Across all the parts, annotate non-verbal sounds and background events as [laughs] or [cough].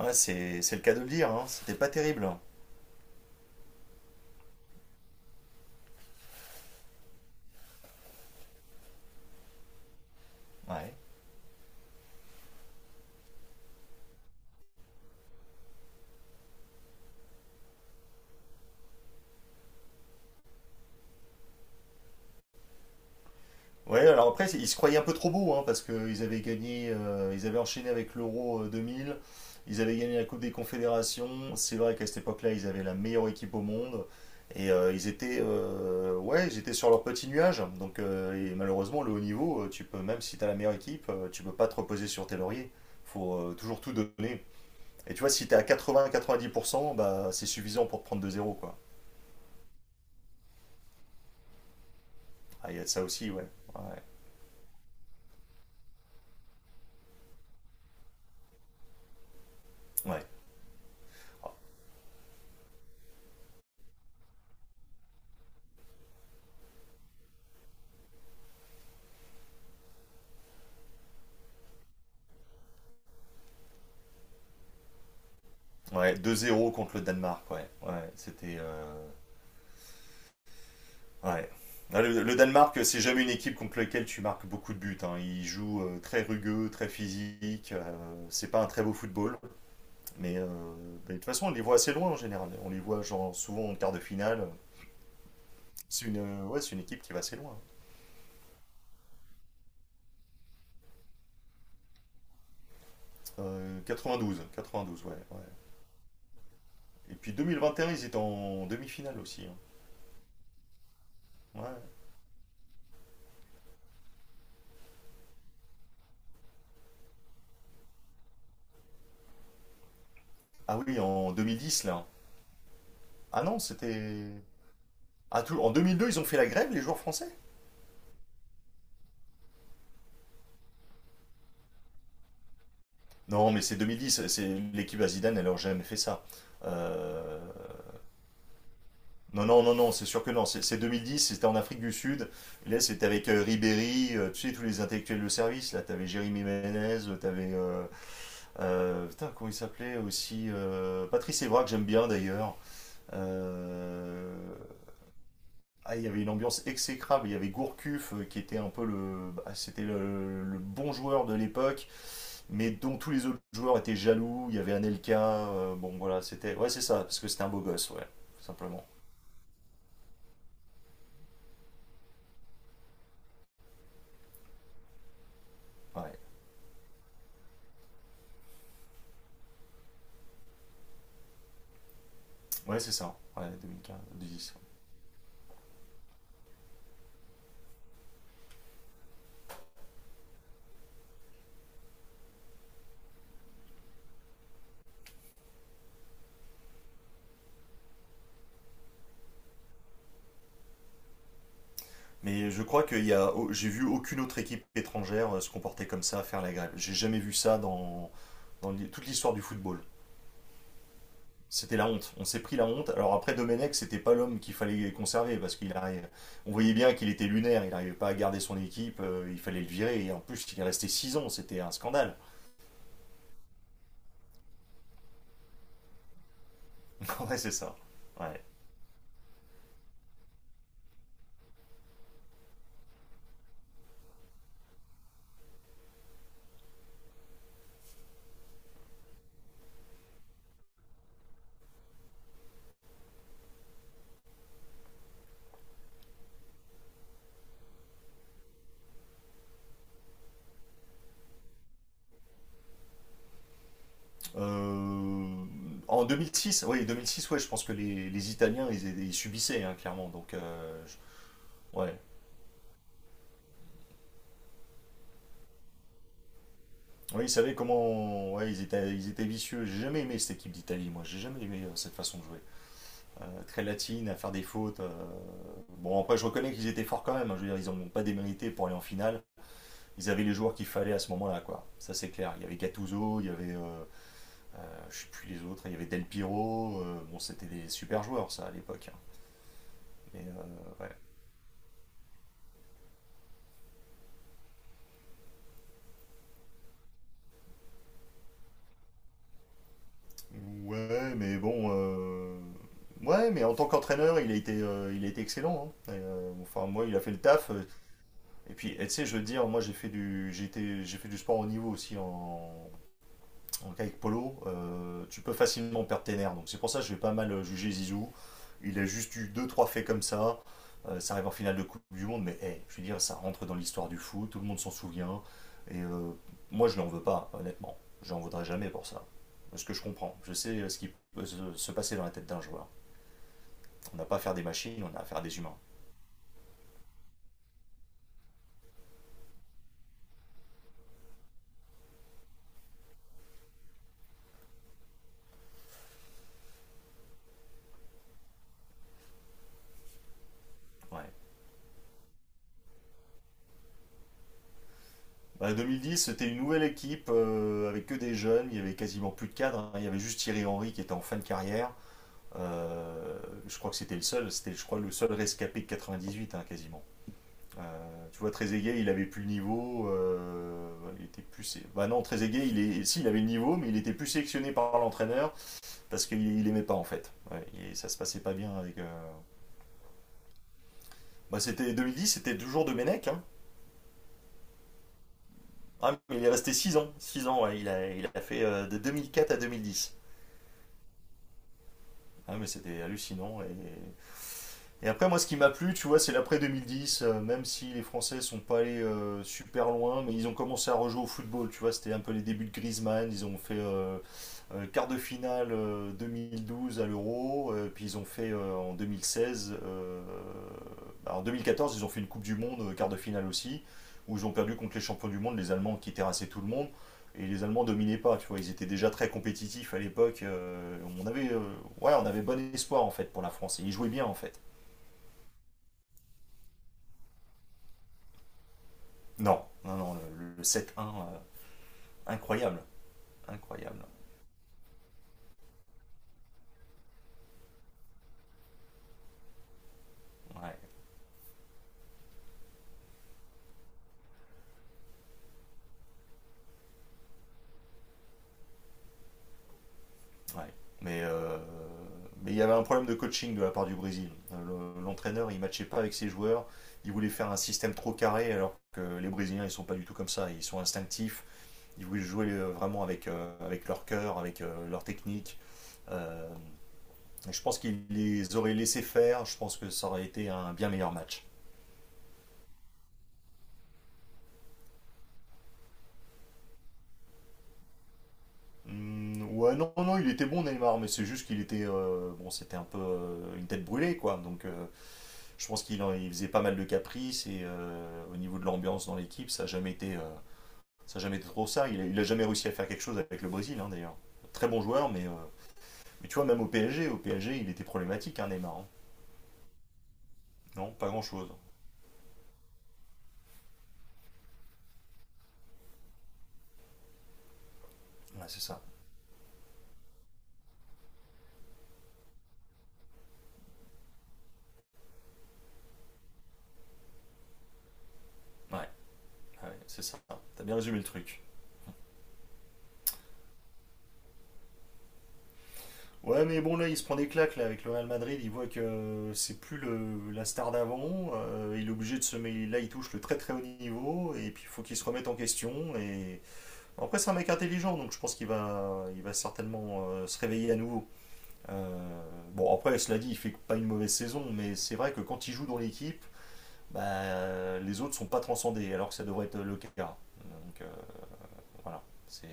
Ouais, c'est le cas de le dire, hein. C'était pas terrible, hein. Ouais. Ouais, alors après, ils se croyaient un peu trop beaux, hein, parce qu'ils avaient gagné, ils avaient enchaîné avec l'Euro 2000, ils avaient gagné la Coupe des Confédérations. C'est vrai qu'à cette époque-là, ils avaient la meilleure équipe au monde. Et ils étaient, ouais, ils étaient sur leur petit nuage. Donc, et malheureusement, le haut niveau, tu peux, même si tu as la meilleure équipe, tu peux pas te reposer sur tes lauriers. Faut toujours tout donner. Et tu vois, si tu es à 80-90%, bah, c'est suffisant pour te prendre 2-0, quoi. Ah, il y a de ça aussi, ouais. Ouais, ouais. Ouais, 2-0 contre le Danemark, ouais. Ouais, c'était. Ouais. Ah, le Danemark, c'est jamais une équipe contre laquelle tu marques beaucoup de buts, hein. Ils jouent très rugueux, très physique. C'est pas un très beau football. Mais, euh, mais de toute façon, on les voit assez loin en général. On les voit genre, souvent en quart de finale. C'est une, ouais, c'est une équipe qui va assez loin. 92, 92, ouais, ouais. Et puis 2021, ils étaient en demi-finale aussi, hein. Ouais. Ah oui, en 2010, là. Ah non, c'était. Ah, tout. En 2002, ils ont fait la grève, les joueurs français? Non, mais c'est 2010. C'est l'équipe à Zidane, elle n'aurait jamais fait ça. Euh, Non, non, non, non, c'est sûr que non. C'est 2010, c'était en Afrique du Sud. Et là, c'était avec Ribéry, tu sais, tous les intellectuels de service. Là, t'avais Jérémy Ménez, t'avais. Putain, comment il s'appelait aussi Patrice Evra, que j'aime bien d'ailleurs. Euh, Ah, il y avait une ambiance exécrable. Il y avait Gourcuff, qui était un peu le. Bah, c'était le bon joueur de l'époque, mais dont tous les autres joueurs étaient jaloux. Il y avait Anelka, bon voilà, c'était. Ouais, c'est ça, parce que c'était un beau gosse, ouais, tout simplement. Ouais, ouais c'est ça, ouais, 2015, 2010, ouais. Mais je crois qu'il y a. J'ai vu aucune autre équipe étrangère se comporter comme ça, faire la grève. J'ai jamais vu ça dans toute l'histoire du football. C'était la honte. On s'est pris la honte. Alors après, Domenech, c'était pas l'homme qu'il fallait conserver parce qu'il arrive. On voyait bien qu'il était lunaire. Il n'arrivait pas à garder son équipe. Il fallait le virer. Et en plus, il est resté 6 ans. C'était un scandale. [laughs] Ouais, c'est ça. Ouais. Euh, En 2006, oui, 2006, ouais, je pense que les Italiens, ils subissaient, hein, clairement. Donc, ouais. Ouais, ils savaient comment. Ouais, ils étaient vicieux. J'ai jamais aimé cette équipe d'Italie, moi. J'ai jamais aimé cette façon de jouer. Très latine, à faire des fautes. Bon, après, je reconnais qu'ils étaient forts quand même, hein. Je veux dire, ils n'ont pas démérité pour aller en finale. Ils avaient les joueurs qu'il fallait à ce moment-là, quoi. Ça, c'est clair. Il y avait Gattuso, il y avait. Je sais plus les autres. Il y avait Del Piro. Bon, c'était des super joueurs, ça, à l'époque, hein. Mais ouais. Ouais, mais bon. Ouais, mais en tant qu'entraîneur, il a été excellent, hein. Et, enfin, moi, il a fait le taf. Et puis, et tu sais, je veux dire, moi, j'ai fait du sport au niveau aussi en, donc avec Polo, tu peux facilement perdre tes nerfs. Donc c'est pour ça que je vais pas mal juger Zizou. Il a juste eu deux trois faits comme ça. Ça arrive en finale de Coupe du Monde, mais hey, je veux dire, ça rentre dans l'histoire du foot, tout le monde s'en souvient. Et moi, je ne l'en veux pas, honnêtement. Je n'en voudrais jamais pour ça. Parce que je comprends. Je sais ce qui peut se passer dans la tête d'un joueur. On n'a pas à faire des machines, on a à faire des humains. Ouais. Bah, 2010, c'était une nouvelle équipe avec que des jeunes. Il y avait quasiment plus de cadres, hein. Il y avait juste Thierry Henry qui était en fin de carrière. Euh, je crois que c'était le seul, c'était je crois le seul rescapé de 98, hein, quasiment. Tu vois, Trezeguet, il avait plus le niveau, ouais, il était plus. Bah non, Trezeguet, il est, si, il avait le niveau, mais il était plus sélectionné par l'entraîneur parce qu'il il aimait pas en fait. Ouais, et ça se passait pas bien avec. Bah c'était 2010, c'était toujours de Menech, hein. Ah, mais il est resté 6 ans, 6 ans, ouais, il a fait de 2004 à 2010. Ah, mais c'était hallucinant et. Et après, moi, ce qui m'a plu, tu vois, c'est l'après 2010, même si les Français sont pas allés super loin, mais ils ont commencé à rejouer au football, tu vois, c'était un peu les débuts de Griezmann, ils ont fait quart de finale 2012 à l'Euro, puis ils ont fait en 2016, bah, en 2014 ils ont fait une Coupe du Monde, quart de finale aussi, où ils ont perdu contre les champions du monde, les Allemands qui terrassaient tout le monde, et les Allemands dominaient pas, tu vois, ils étaient déjà très compétitifs à l'époque, on avait, ouais, on avait bon espoir en fait pour la France, et ils jouaient bien en fait. Non, non, non, le 7-1, incroyable, incroyable. Ouais, ouais. Mais euh, mais il y avait un problème de coaching de la part du Brésil. L'entraîneur, il matchait pas avec ses joueurs. Il voulait faire un système trop carré, alors que les Brésiliens, ils sont pas du tout comme ça. Ils sont instinctifs. Ils voulaient jouer vraiment avec leur cœur, avec leur technique. Euh, et je pense qu'il les aurait laissés faire. Je pense que ça aurait été un bien meilleur match. Hmm, ouais, non, non, il était bon Neymar, mais c'est juste qu'il était, bon, c'était un peu une tête brûlée, quoi. Donc, je pense qu'il en- il faisait pas mal de caprices et au niveau de l'ambiance dans l'équipe, ça a jamais été, ça a jamais été trop ça. Il a jamais réussi à faire quelque chose avec le Brésil, hein, d'ailleurs. Très bon joueur, mais tu vois, même au PSG, au PSG, il était problématique, hein, Neymar, hein. Non, pas grand-chose. Ouais, c'est ça. Ouais, ouais, c'est ça. T'as bien résumé le truc. Ouais, mais bon, là, il se prend des claques là, avec le Real Madrid. Il voit que c'est plus la star d'avant. Il est obligé de se mettre. Là, il touche le très très haut niveau. Et puis, il faut qu'il se remette en question. Et après, c'est un mec intelligent, donc je pense qu'il va certainement se réveiller à nouveau. Euh, bon, après, cela dit, il fait pas une mauvaise saison. Mais c'est vrai que quand il joue dans l'équipe, bah, les autres sont pas transcendés, alors que ça devrait être le cas. Donc, voilà. C'est.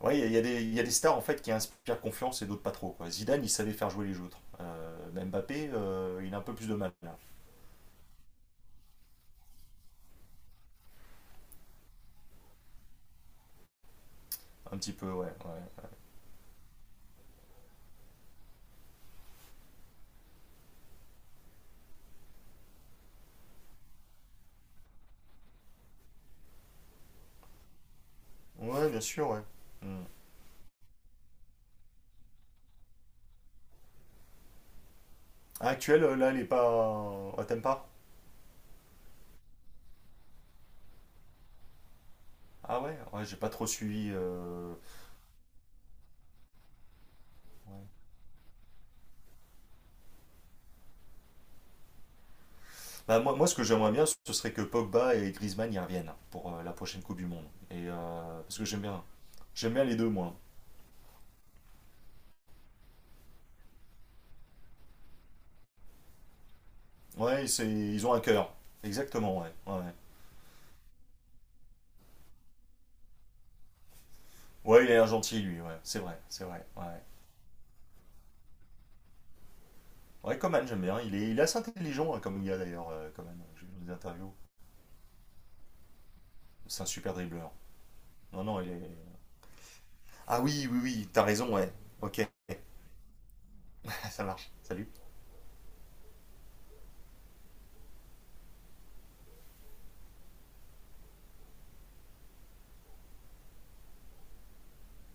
Oui, il y a des stars en fait qui inspirent confiance et d'autres pas trop, quoi. Zidane, il savait faire jouer les autres. Mbappé, il a un peu plus de mal là. Un petit peu, ouais. Ouais, ouais, bien sûr, ouais. Hmm. Ah, actuel, là, elle est pas. Ah, t'aimes pas? Ah ouais? Ouais, j'ai pas trop suivi. Ouais. Bah, moi, ce que j'aimerais bien, ce serait que Pogba et Griezmann y reviennent pour la prochaine Coupe du Monde. Et, parce que j'aime bien. J'aime bien les deux, moi. Ouais, ils ont un cœur. Exactement, ouais. Ouais, ouais. Ouais, il a l'air gentil, lui, ouais. C'est vrai, c'est vrai. Ouais. Ouais, Coman, j'aime bien. Il est assez intelligent, hein, comme gars d'ailleurs, Coman. J'ai vu des interviews. C'est un super dribbleur. Non, non, il est. Ah oui, oui, oui, t'as raison, ouais. Ok, [laughs] ça marche. Salut.